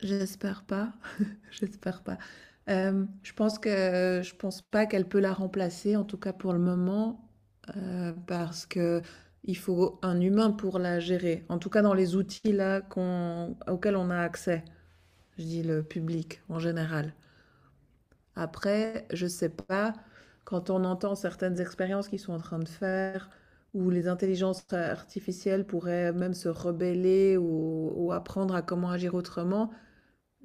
J'espère pas, j'espère pas. Je pense que je pense pas qu'elle peut la remplacer, en tout cas pour le moment, parce qu'il faut un humain pour la gérer. En tout cas dans les outils là qu'on auxquels on a accès, je dis le public en général. Après, je sais pas, quand on entend certaines expériences qu'ils sont en train de faire, où les intelligences artificielles pourraient même se rebeller ou apprendre à comment agir autrement,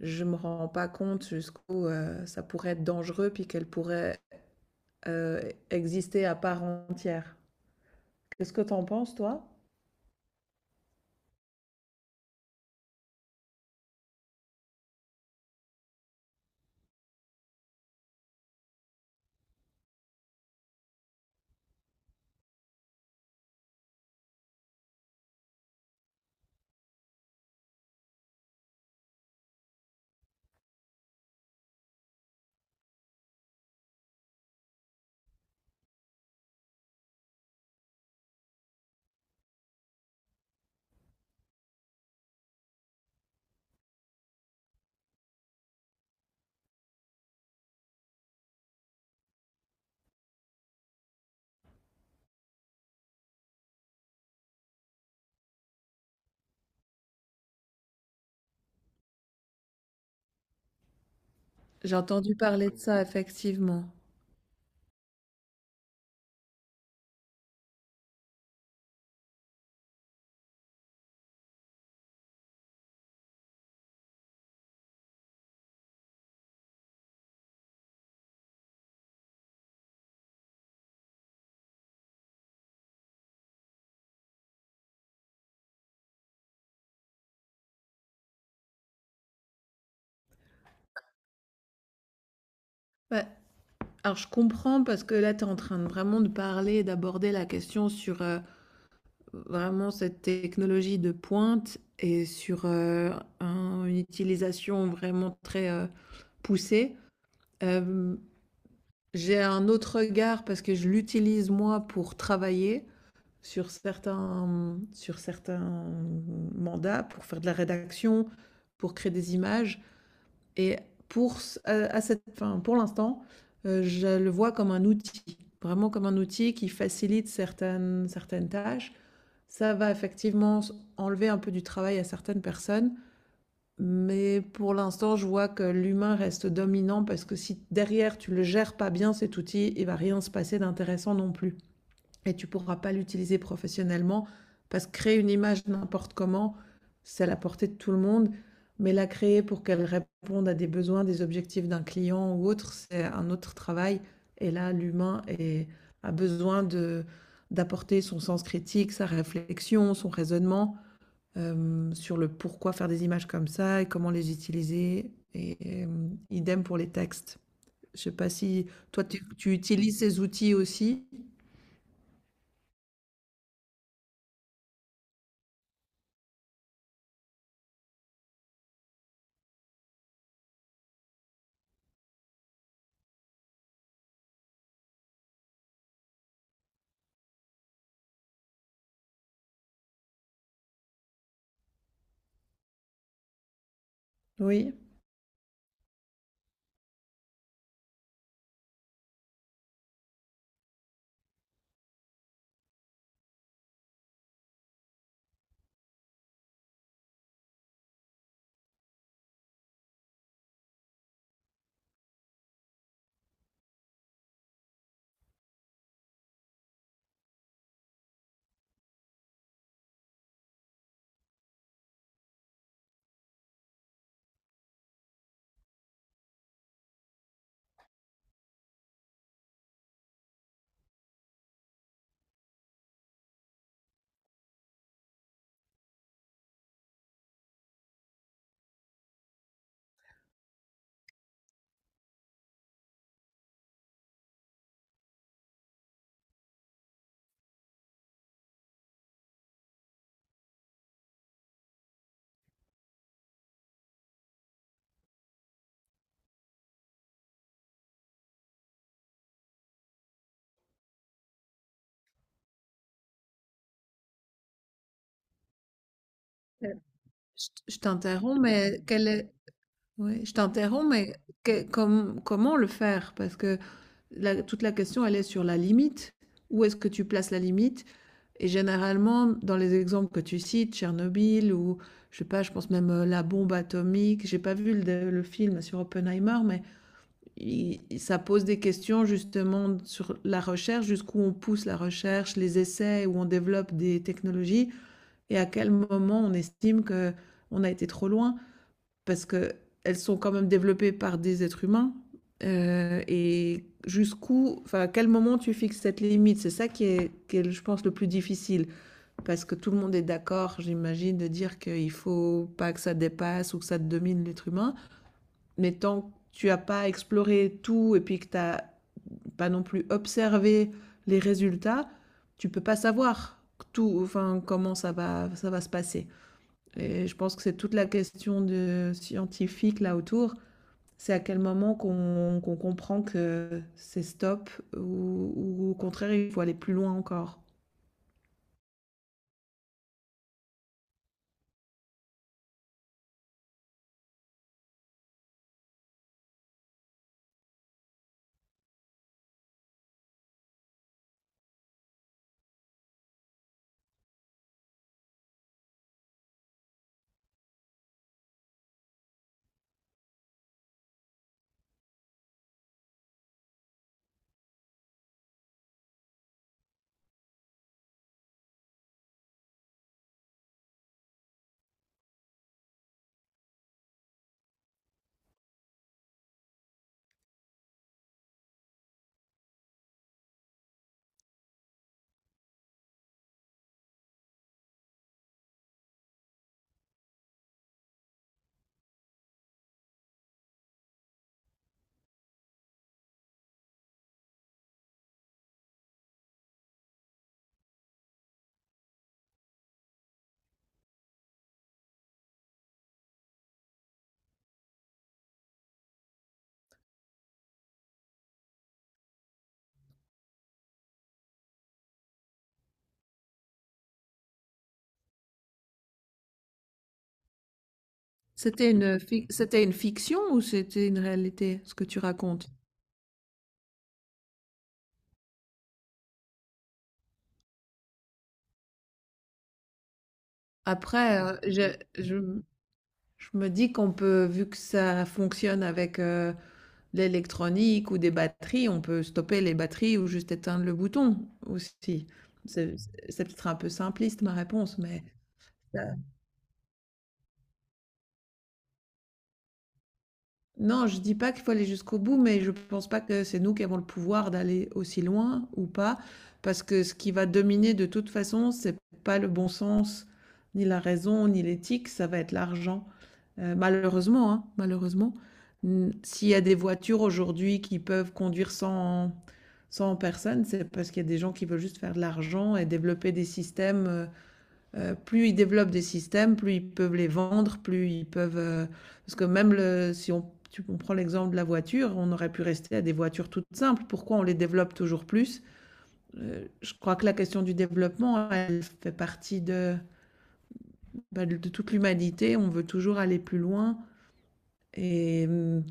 je me rends pas compte jusqu'où ça pourrait être dangereux puis qu'elle pourrait euh, exister à part entière. Qu'est-ce que t'en penses, toi? J'ai entendu parler de ça, effectivement. Ouais. Alors, je comprends parce que là, tu es en train de vraiment de parler, d'aborder la question sur vraiment cette technologie de pointe et sur une utilisation vraiment très poussée. Euh, j'ai un autre regard parce que je l'utilise moi pour travailler sur certains mandats pour faire de la rédaction, pour créer des images. Et pour, à cette, fin, pour l'instant, je le vois comme un outil, vraiment comme un outil qui facilite certaines tâches. Ça va effectivement enlever un peu du travail à certaines personnes, mais pour l'instant, je vois que l'humain reste dominant parce que si derrière tu ne le gères pas bien cet outil, il ne va rien se passer d'intéressant non plus et tu ne pourras pas l'utiliser professionnellement parce que créer une image n'importe comment, c'est à la portée de tout le monde, mais la créer pour qu'elle réponde à des besoins, des objectifs d'un client ou autre, c'est un autre travail. Et là, a besoin de d'apporter son sens critique, sa réflexion, son raisonnement sur le pourquoi faire des images comme ça et comment les utiliser. Idem pour les textes. Je ne sais pas si toi tu utilises ces outils aussi. Oui. Je t'interromps, mais quel est ouais, je t'interromps, mais comment le faire? Parce que toute la question, elle est sur la limite. Où est-ce que tu places la limite? Et généralement, dans les exemples que tu cites, Tchernobyl ou, je sais pas, je pense même la bombe atomique, j'ai pas vu le film sur Oppenheimer, mais ça pose des questions justement sur la recherche, jusqu'où on pousse la recherche, les essais, où on développe des technologies et à quel moment on estime que on a été trop loin parce qu'elles sont quand même développées par des êtres humains. Et jusqu'où, enfin, à quel moment tu fixes cette limite. C'est ça qui est, je pense, le plus difficile. Parce que tout le monde est d'accord, j'imagine, de dire qu'il ne faut pas que ça dépasse ou que ça domine l'être humain. Mais tant que tu n'as pas exploré tout et puis que tu n'as pas non plus observé les résultats, tu ne peux pas savoir tout, enfin, comment ça va se passer. Et je pense que c'est toute la question de scientifique là autour, c'est à quel moment qu'on comprend que c'est stop ou ou au contraire, il faut aller plus loin encore? C'était une fic c'était une fiction ou c'était une réalité, ce que tu racontes? Après, je je me dis qu'on peut, vu que ça fonctionne avec, l'électronique ou des batteries, on peut stopper les batteries ou juste éteindre le bouton aussi. C'est c'est peut-être un peu simpliste ma réponse, mais non, je dis pas qu'il faut aller jusqu'au bout, mais je pense pas que c'est nous qui avons le pouvoir d'aller aussi loin ou pas, parce que ce qui va dominer de toute façon, c'est pas le bon sens, ni la raison, ni l'éthique, ça va être l'argent. Malheureusement, hein, malheureusement, s'il y a des voitures aujourd'hui qui peuvent conduire sans, sans personne, c'est parce qu'il y a des gens qui veulent juste faire de l'argent et développer des systèmes plus ils développent des systèmes, plus ils peuvent les vendre, plus ils peuvent, parce que même le si on prend l'exemple de la voiture, on aurait pu rester à des voitures toutes simples. Pourquoi on les développe toujours plus? Je crois que la question du développement, elle fait partie de, bah, de toute l'humanité. On veut toujours aller plus loin et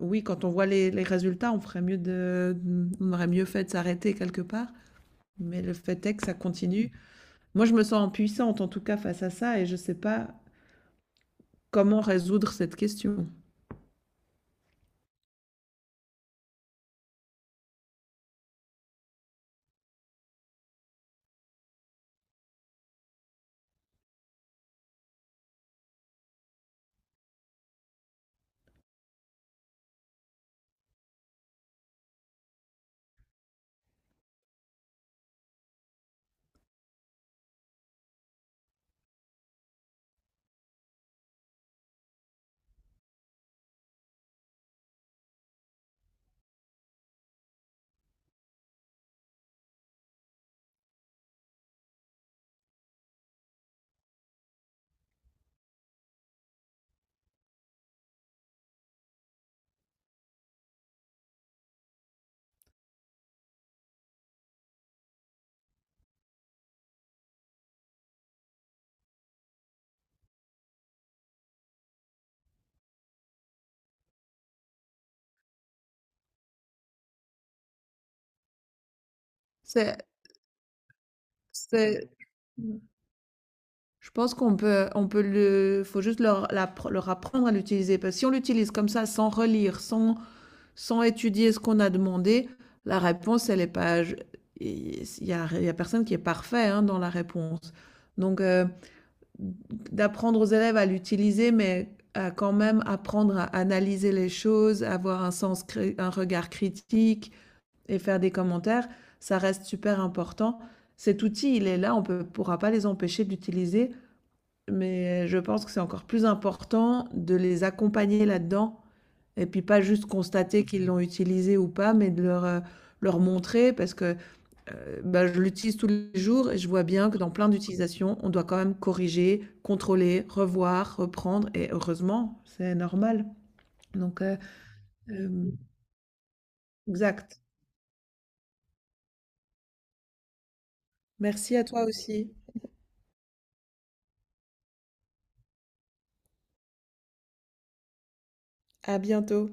oui, quand on voit les résultats, on aurait mieux fait de s'arrêter quelque part, mais le fait est que ça continue. Moi, je me sens impuissante, en tout cas, face à ça et je ne sais pas comment résoudre cette question? C'est c'est Je pense qu'on peut on peut le faut juste leur l'appre leur apprendre à l'utiliser parce que si on l'utilise comme ça sans relire, sans sans étudier ce qu'on a demandé, la réponse elle est pas je il y a personne qui est parfait, hein, dans la réponse. Donc d'apprendre aux élèves à l'utiliser, mais à quand même apprendre à analyser les choses, avoir un sens cré un regard critique, et faire des commentaires, ça reste super important. Cet outil, il est là, on ne pourra pas les empêcher d'utiliser, mais je pense que c'est encore plus important de les accompagner là-dedans et puis pas juste constater qu'ils l'ont utilisé ou pas, mais de leur, leur montrer parce que bah, je l'utilise tous les jours et je vois bien que dans plein d'utilisations, on doit quand même corriger, contrôler, revoir, reprendre et heureusement, c'est normal. Donc, euh, euh, Exact. Merci à toi aussi. À bientôt.